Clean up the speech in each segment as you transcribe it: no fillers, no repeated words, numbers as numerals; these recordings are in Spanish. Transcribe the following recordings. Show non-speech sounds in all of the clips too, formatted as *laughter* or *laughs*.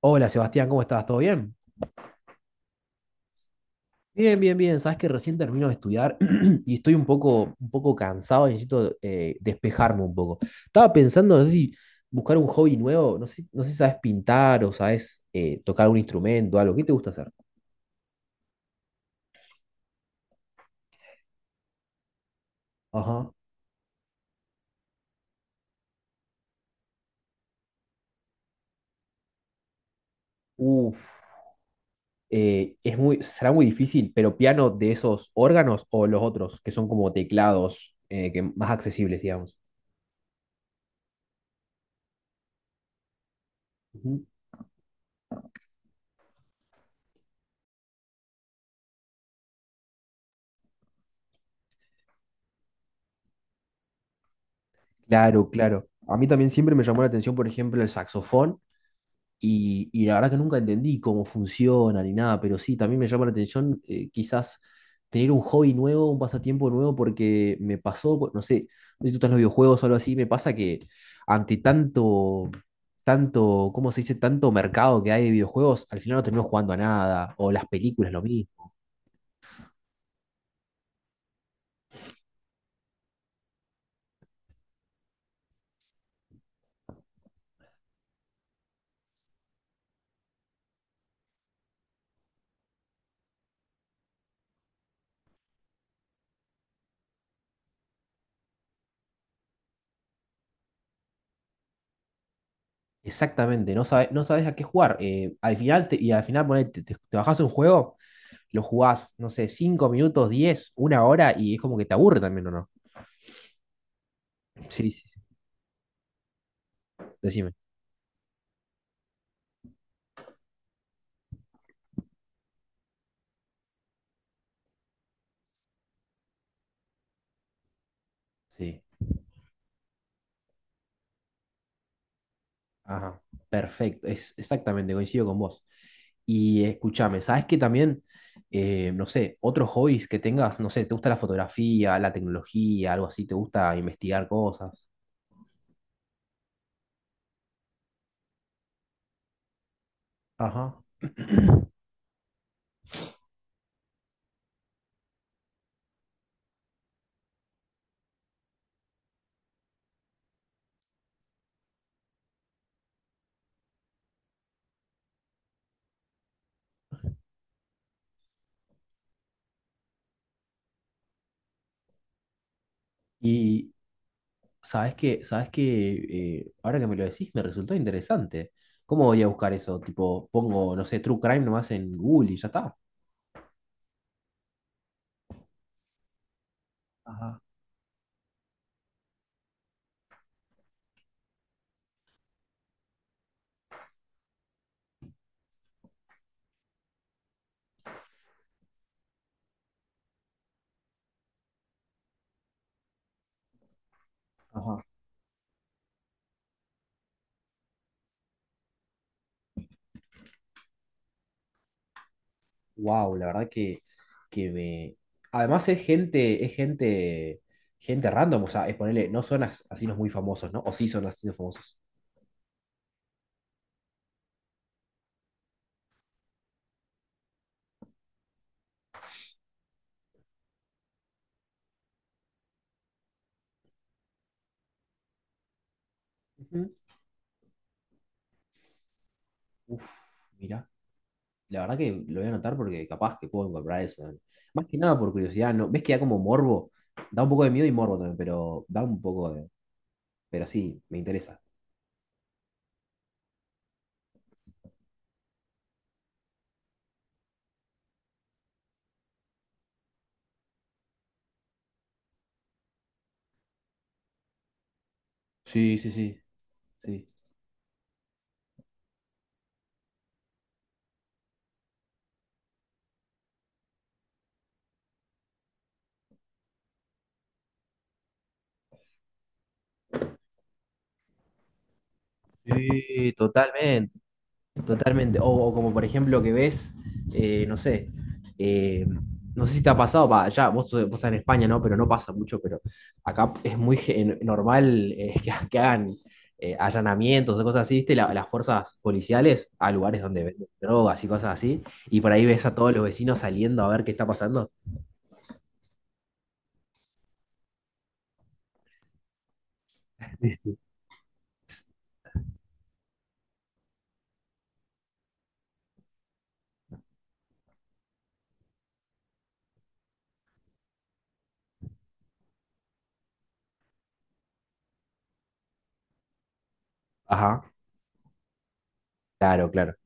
Hola Sebastián, ¿cómo estás? ¿Todo bien? Bien, bien, bien. Sabes que recién termino de estudiar *clears throat* y estoy un poco cansado y necesito despejarme un poco. Estaba pensando, no sé si buscar un hobby nuevo, no sé si sabes pintar o sabes tocar un instrumento, algo. ¿Qué te gusta hacer? Ajá. Uf, será muy difícil, pero piano de esos órganos o los otros, que son como teclados que más accesibles, digamos. Ujú. Claro, claro. A mí también siempre me llamó la atención, por ejemplo, el saxofón. Y la verdad que nunca entendí cómo funciona ni nada, pero sí, también me llama la atención, quizás tener un hobby nuevo, un pasatiempo nuevo, porque me pasó, pues, no sé si tú estás en los videojuegos o algo así. Me pasa que ante ¿cómo se dice? Tanto mercado que hay de videojuegos, al final no termino jugando a nada, o las películas, lo mismo. Exactamente, no sabes a qué jugar. Y al final ponele, te bajás un juego, lo jugás, no sé, 5 minutos, 10, una hora, y es como que te aburre también, ¿o no? Sí, sí. Decime. Sí, ajá, perfecto, es exactamente, coincido con vos. Y escúchame, ¿sabes que también, no sé, otros hobbies que tengas, no sé, te gusta la fotografía, la tecnología, algo así? ¿Te gusta investigar cosas? Ajá. *clears throat* Y sabes que ahora que me lo decís, me resultó interesante. ¿Cómo voy a buscar eso? Tipo, pongo, no sé, True Crime nomás en Google y ya está. Ajá. Ajá. Wow, la verdad que me. Además es gente random, o sea, es ponerle, no son asesinos muy famosos, ¿no? ¿O sí son asesinos famosos? Ujú. Uf, mira, la verdad que lo voy a anotar porque capaz que puedo encontrar eso, ¿no? Más que nada por curiosidad, ¿no? ¿Ves que da como morbo? Da un poco de miedo y morbo también, pero da un poco de. Pero sí, me interesa. Sí, sí, sí, sí. Sí, totalmente. Totalmente. O como por ejemplo que ves, no sé, eh, no sé si te ha pasado, va, ya, vos, vos estás en España, ¿no? Pero no pasa mucho, pero acá es muy normal, *laughs* que hagan allanamientos o cosas así, ¿viste? Las fuerzas policiales a lugares donde venden drogas y cosas así, y por ahí ves a todos los vecinos saliendo a ver qué está pasando. Sí, sí. Ajá, claro, claro.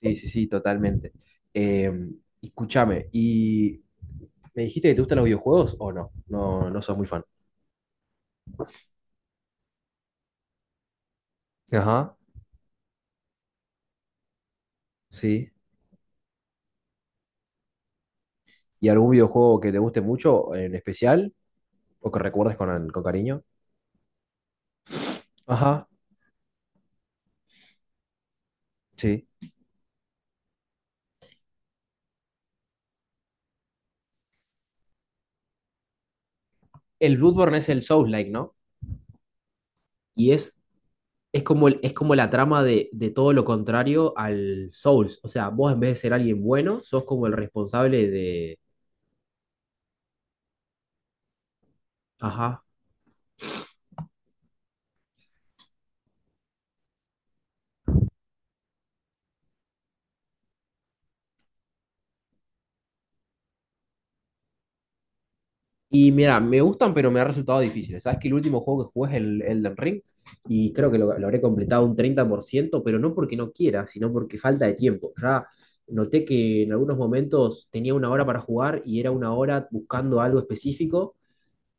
Sí, sí, sí, totalmente. Eh, escúchame, ¿y me dijiste que te gustan los videojuegos o no? No, no sos muy fan. Ajá, sí. ¿Y algún videojuego que te guste mucho en especial o que recuerdes con cariño? Ajá, sí. El Bloodborne es el Souls-like, ¿no? Y es como la trama de todo lo contrario al Souls. O sea, vos en vez de ser alguien bueno, sos como el responsable de... Ajá. Y mira, me gustan, pero me ha resultado difícil. Sabes que el último juego que jugué es el Elden Ring, y creo que lo habré completado un 30%, pero no porque no quiera, sino porque falta de tiempo. Ya noté que en algunos momentos tenía una hora para jugar y era una hora buscando algo específico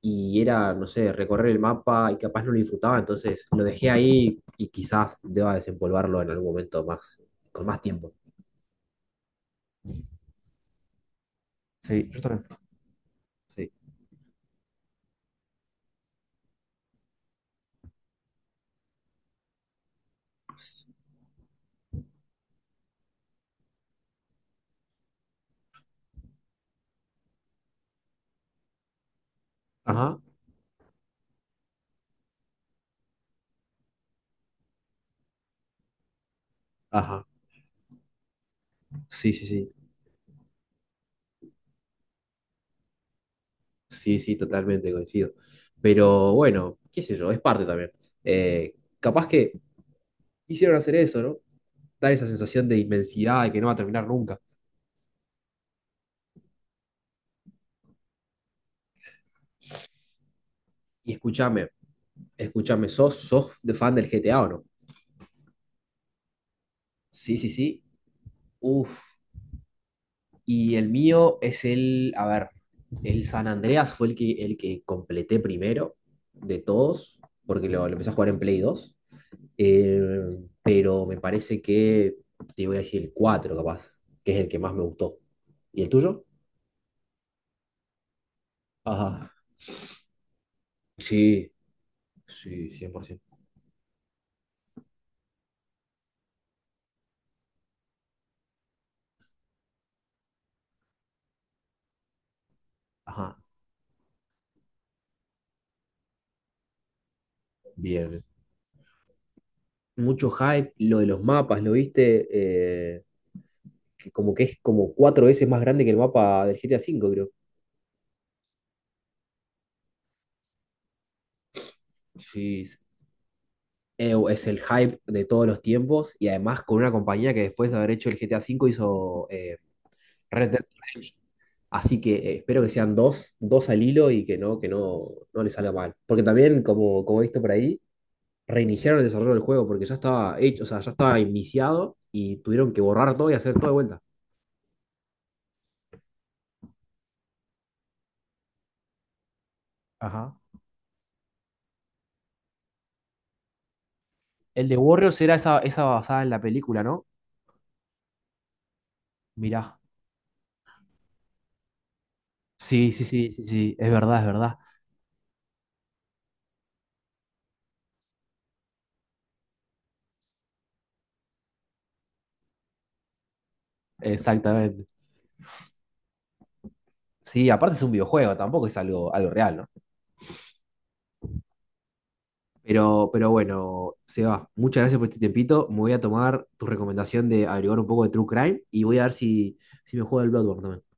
y era, no sé, recorrer el mapa y capaz no lo disfrutaba, entonces lo dejé ahí y quizás deba desempolvarlo en algún momento más, con más tiempo. Sí, yo también. Sí. Ajá, ajá. Sí, sí, sí. Sí, sí, totalmente coincido. Pero bueno, qué sé yo, es parte también. Capaz que hicieron hacer eso, ¿no? Dar esa sensación de inmensidad y que no va a terminar nunca. Y escúchame, escúchame, ¿sos de fan del GTA o no? Sí, sí, sí. Uf. Y el mío es el, a ver, el San Andreas fue el que completé primero de todos, porque lo empecé a jugar en Play 2. Eh, pero me parece que te voy a decir el 4 capaz, que es el que más me gustó. ¿Y el tuyo? Ajá. Sí, sí, 100%. Ajá, bien. Mucho hype, lo de los mapas, ¿lo viste? Eh, que como que es como cuatro veces más grande que el mapa del GTA V, creo. Sí, es el hype de todos los tiempos, y además con una compañía que después de haber hecho el GTA V hizo, Red Dead Redemption. Así que, espero que sean dos al hilo y que no les salga mal. Porque también, como he visto por ahí, reiniciaron el desarrollo del juego porque ya estaba hecho, o sea, ya estaba iniciado y tuvieron que borrar todo y hacer todo de vuelta. Ajá. El de Warriors era esa basada en la película, ¿no? Mirá. Sí, sí, sí, sí, sí. Es verdad, es verdad. Exactamente. Sí, aparte es un videojuego, tampoco es algo real, ¿no? Pero bueno, Seba, muchas gracias por este tiempito. Me voy a tomar tu recomendación de averiguar un poco de True Crime y voy a ver si me juego el Bloodborne también.